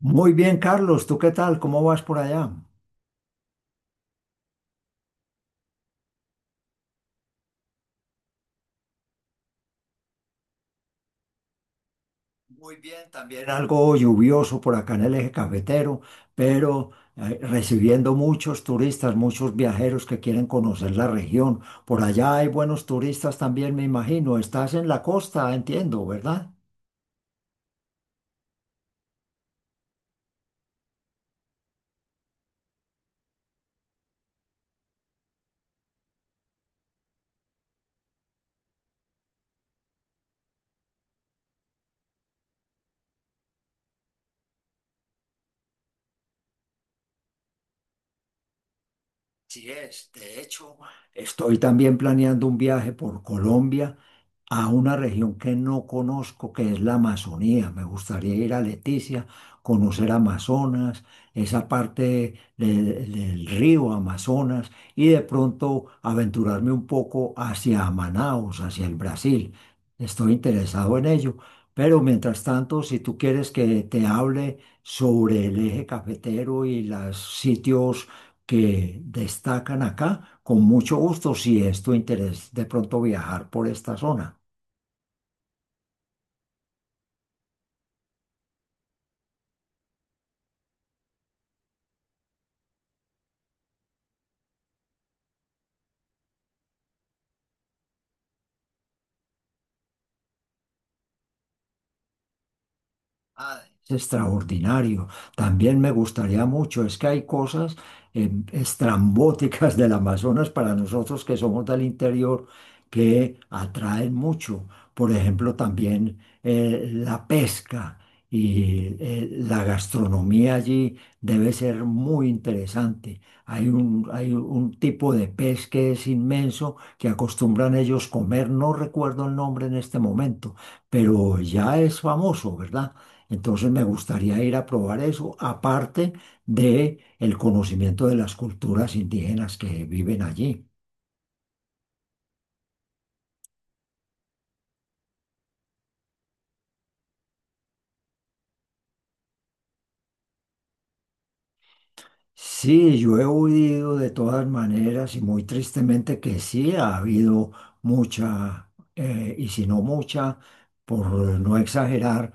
Muy bien, Carlos, ¿tú qué tal? ¿Cómo vas por allá? Muy bien, también algo lluvioso por acá en el eje cafetero, pero recibiendo muchos turistas, muchos viajeros que quieren conocer la región. Por allá hay buenos turistas también, me imagino. Estás en la costa, entiendo, ¿verdad? Sí es, de hecho, estoy también planeando un viaje por Colombia a una región que no conozco, que es la Amazonía. Me gustaría ir a Leticia, conocer Amazonas, esa parte del río Amazonas y de pronto aventurarme un poco hacia Manaos, hacia el Brasil. Estoy interesado en ello. Pero mientras tanto, si tú quieres que te hable sobre el eje cafetero y los sitios que destacan acá. Con mucho gusto, si es tu interés de pronto viajar por esta zona. Ah, es extraordinario. También me gustaría mucho, es que hay cosas estrambóticas del Amazonas para nosotros que somos del interior que atraen mucho. Por ejemplo, también la pesca y la gastronomía allí debe ser muy interesante. Hay un tipo de pez que es inmenso que acostumbran ellos comer, no recuerdo el nombre en este momento, pero ya es famoso, ¿verdad? Entonces me gustaría ir a probar eso, aparte de el conocimiento de las culturas indígenas que viven allí. Sí, yo he oído de todas maneras y muy tristemente que sí ha habido mucha, y si no mucha, por no exagerar,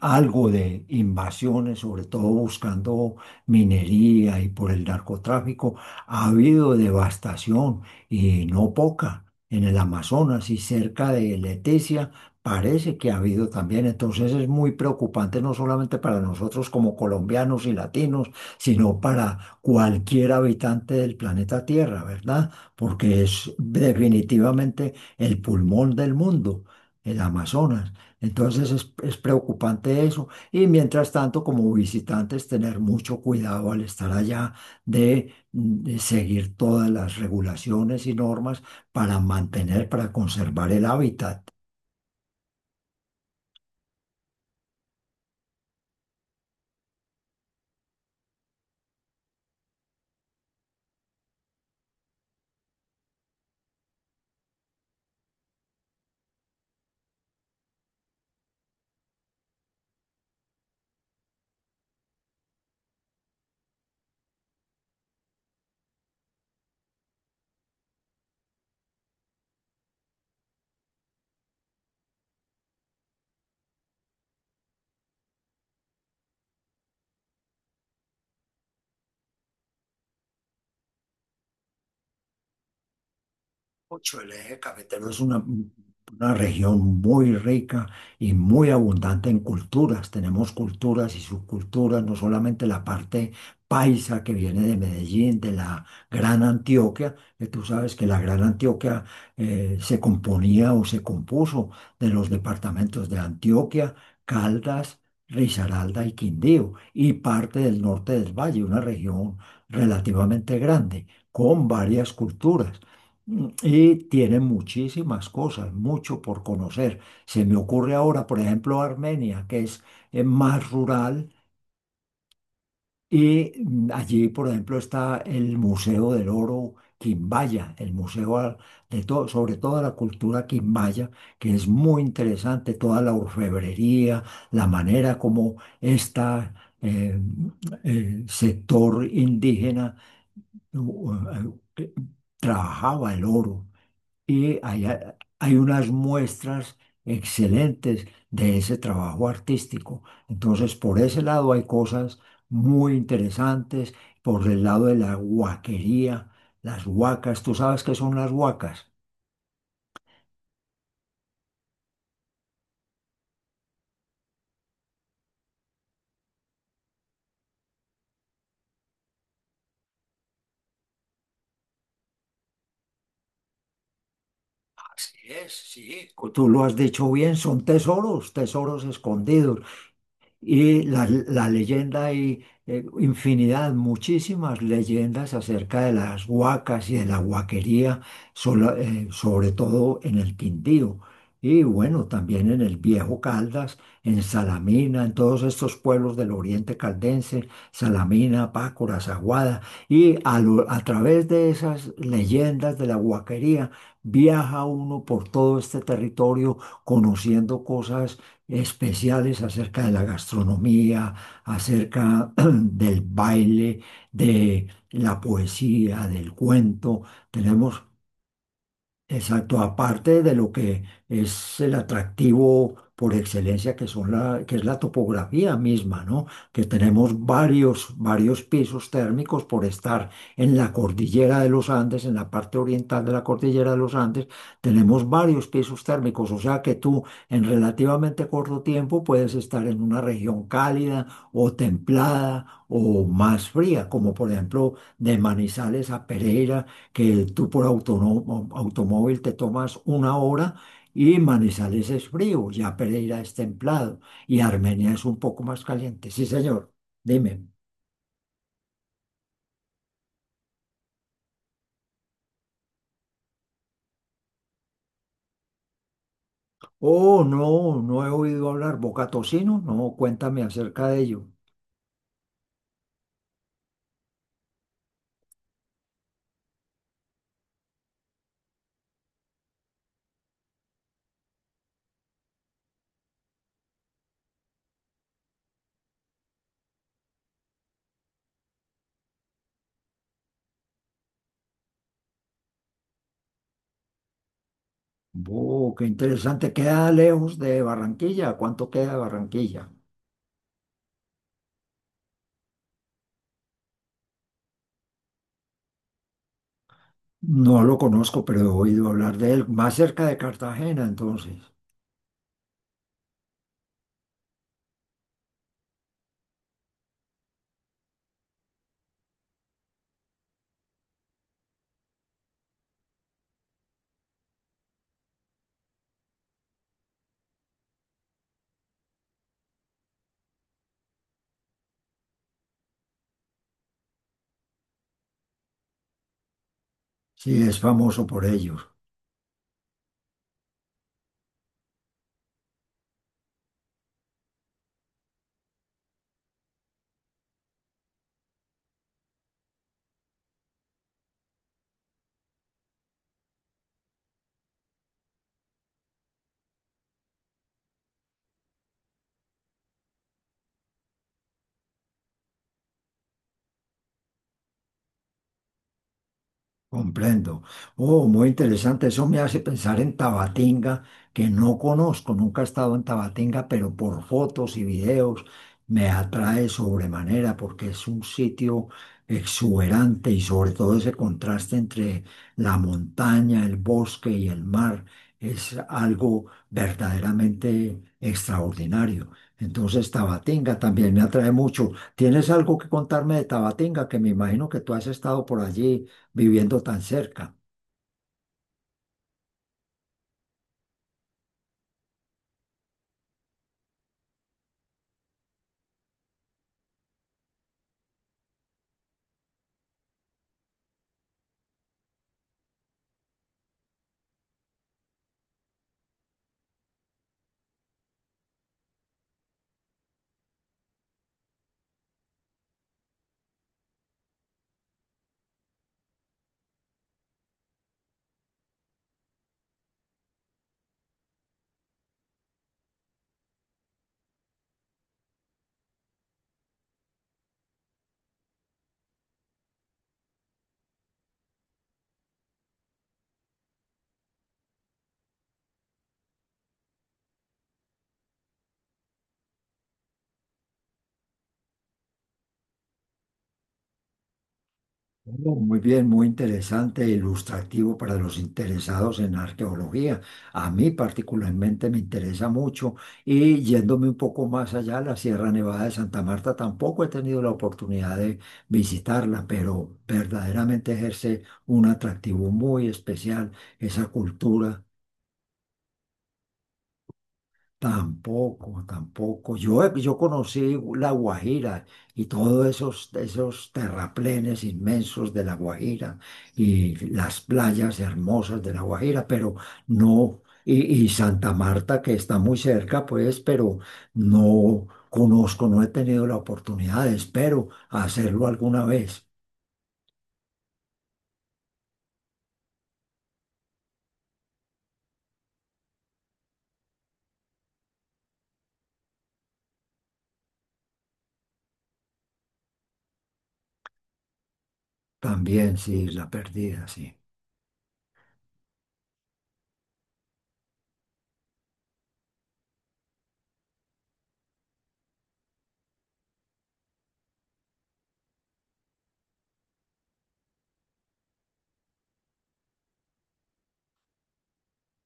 algo de invasiones, sobre todo buscando minería y por el narcotráfico, ha habido devastación y no poca en el Amazonas y cerca de Leticia. Parece que ha habido también, entonces es muy preocupante no solamente para nosotros como colombianos y latinos, sino para cualquier habitante del planeta Tierra, ¿verdad? Porque es definitivamente el pulmón del mundo, el Amazonas. Entonces es preocupante eso. Y mientras tanto, como visitantes, tener mucho cuidado al estar allá de seguir todas las regulaciones y normas para mantener, para conservar el hábitat. Ocho, el eje cafetero es una región muy rica y muy abundante en culturas. Tenemos culturas y subculturas, no solamente la parte paisa que viene de Medellín, de la Gran Antioquia, que tú sabes que la Gran Antioquia se componía o se compuso de los departamentos de Antioquia, Caldas, Risaralda y Quindío, y parte del norte del valle, una región relativamente grande, con varias culturas. Mm, y tiene muchísimas cosas, mucho por conocer. Se me ocurre ahora, por ejemplo, Armenia, que es más rural, y mm, allí, por ejemplo, está el Museo del Oro Quimbaya, el de todo, sobre toda la cultura quimbaya, que es muy interesante, toda la orfebrería, la manera como esta eh, sector indígena u- u- eh, trabajaba el oro. Y hay, hay unas muestras excelentes de ese trabajo artístico. Entonces, por ese lado hay cosas muy interesantes. Por el lado de la huaquería, las huacas, ¿tú sabes qué son las huacas? Así es, sí. Tú lo has dicho bien, son tesoros, tesoros escondidos. Y la leyenda hay infinidad, muchísimas leyendas acerca de las huacas y de la huaquería, sobre todo en el Quindío. Y bueno, también en el Viejo Caldas, en Salamina, en todos estos pueblos del oriente caldense, Salamina, Pácora, Zaguada. Y a través de esas leyendas de la huaquería, viaja uno por todo este territorio conociendo cosas especiales acerca de la gastronomía, acerca del baile, de la poesía, del cuento. Tenemos exacto, aparte de lo que es el atractivo por excelencia que que es la topografía misma, ¿no? Que tenemos varios, varios pisos térmicos por estar en la cordillera de los Andes, en la parte oriental de la cordillera de los Andes, tenemos varios pisos térmicos, o sea que tú en relativamente corto tiempo puedes estar en una región cálida o templada o más fría, como por ejemplo de Manizales a Pereira que tú por automóvil te tomas una hora y Manizales es frío, ya Pereira es templado y Armenia es un poco más caliente. Sí, señor, dime. Oh, no, no he oído hablar Bocatocino, no, cuéntame acerca de ello. Oh, qué interesante, queda lejos de Barranquilla, ¿cuánto queda de Barranquilla? No lo conozco, pero he oído hablar de él, más cerca de Cartagena, entonces. Sí, es famoso por ello. Comprendo. Oh, muy interesante. Eso me hace pensar en Tabatinga, que no conozco, nunca he estado en Tabatinga, pero por fotos y videos me atrae sobremanera porque es un sitio exuberante y sobre todo ese contraste entre la montaña, el bosque y el mar es algo verdaderamente extraordinario. Entonces, Tabatinga también me atrae mucho. ¿Tienes algo que contarme de Tabatinga? Que me imagino que tú has estado por allí viviendo tan cerca. Oh, muy bien, muy interesante e ilustrativo para los interesados en arqueología. A mí particularmente me interesa mucho y yéndome un poco más allá, la Sierra Nevada de Santa Marta tampoco he tenido la oportunidad de visitarla, pero verdaderamente ejerce un atractivo muy especial esa cultura. Tampoco, tampoco. Yo conocí La Guajira y todos esos terraplenes inmensos de La Guajira y las playas hermosas de La Guajira, pero no, y Santa Marta que está muy cerca, pues, pero no conozco, no he tenido la oportunidad, espero hacerlo alguna vez. También, sí, la perdida, sí.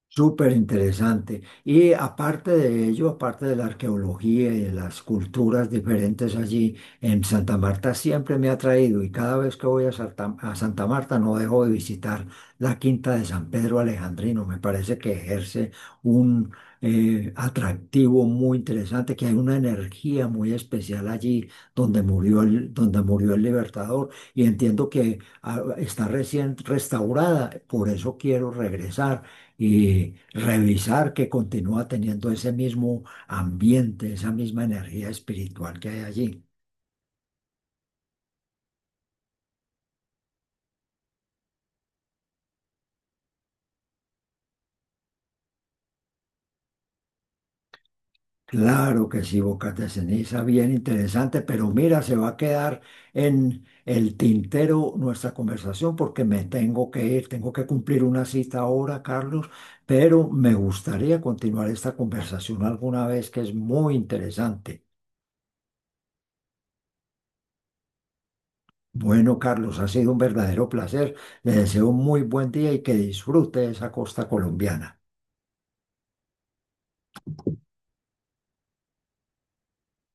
Súper interesante. Y aparte de ello, aparte de la arqueología y de las culturas diferentes allí, en Santa Marta siempre me ha atraído y cada vez que voy a Santa Marta no dejo de visitar la Quinta de San Pedro Alejandrino. Me parece que ejerce un atractivo muy interesante, que hay una energía muy especial allí donde murió el Libertador y entiendo que está recién restaurada. Por eso quiero regresar y revisar que continúa teniendo ese mismo ambiente, esa misma energía espiritual que hay allí. Claro que sí, Bocas de Ceniza, bien interesante, pero mira, se va a quedar en el tintero nuestra conversación porque me tengo que ir, tengo que cumplir una cita ahora, Carlos, pero me gustaría continuar esta conversación alguna vez que es muy interesante. Bueno, Carlos, ha sido un verdadero placer. Le deseo un muy buen día y que disfrute esa costa colombiana.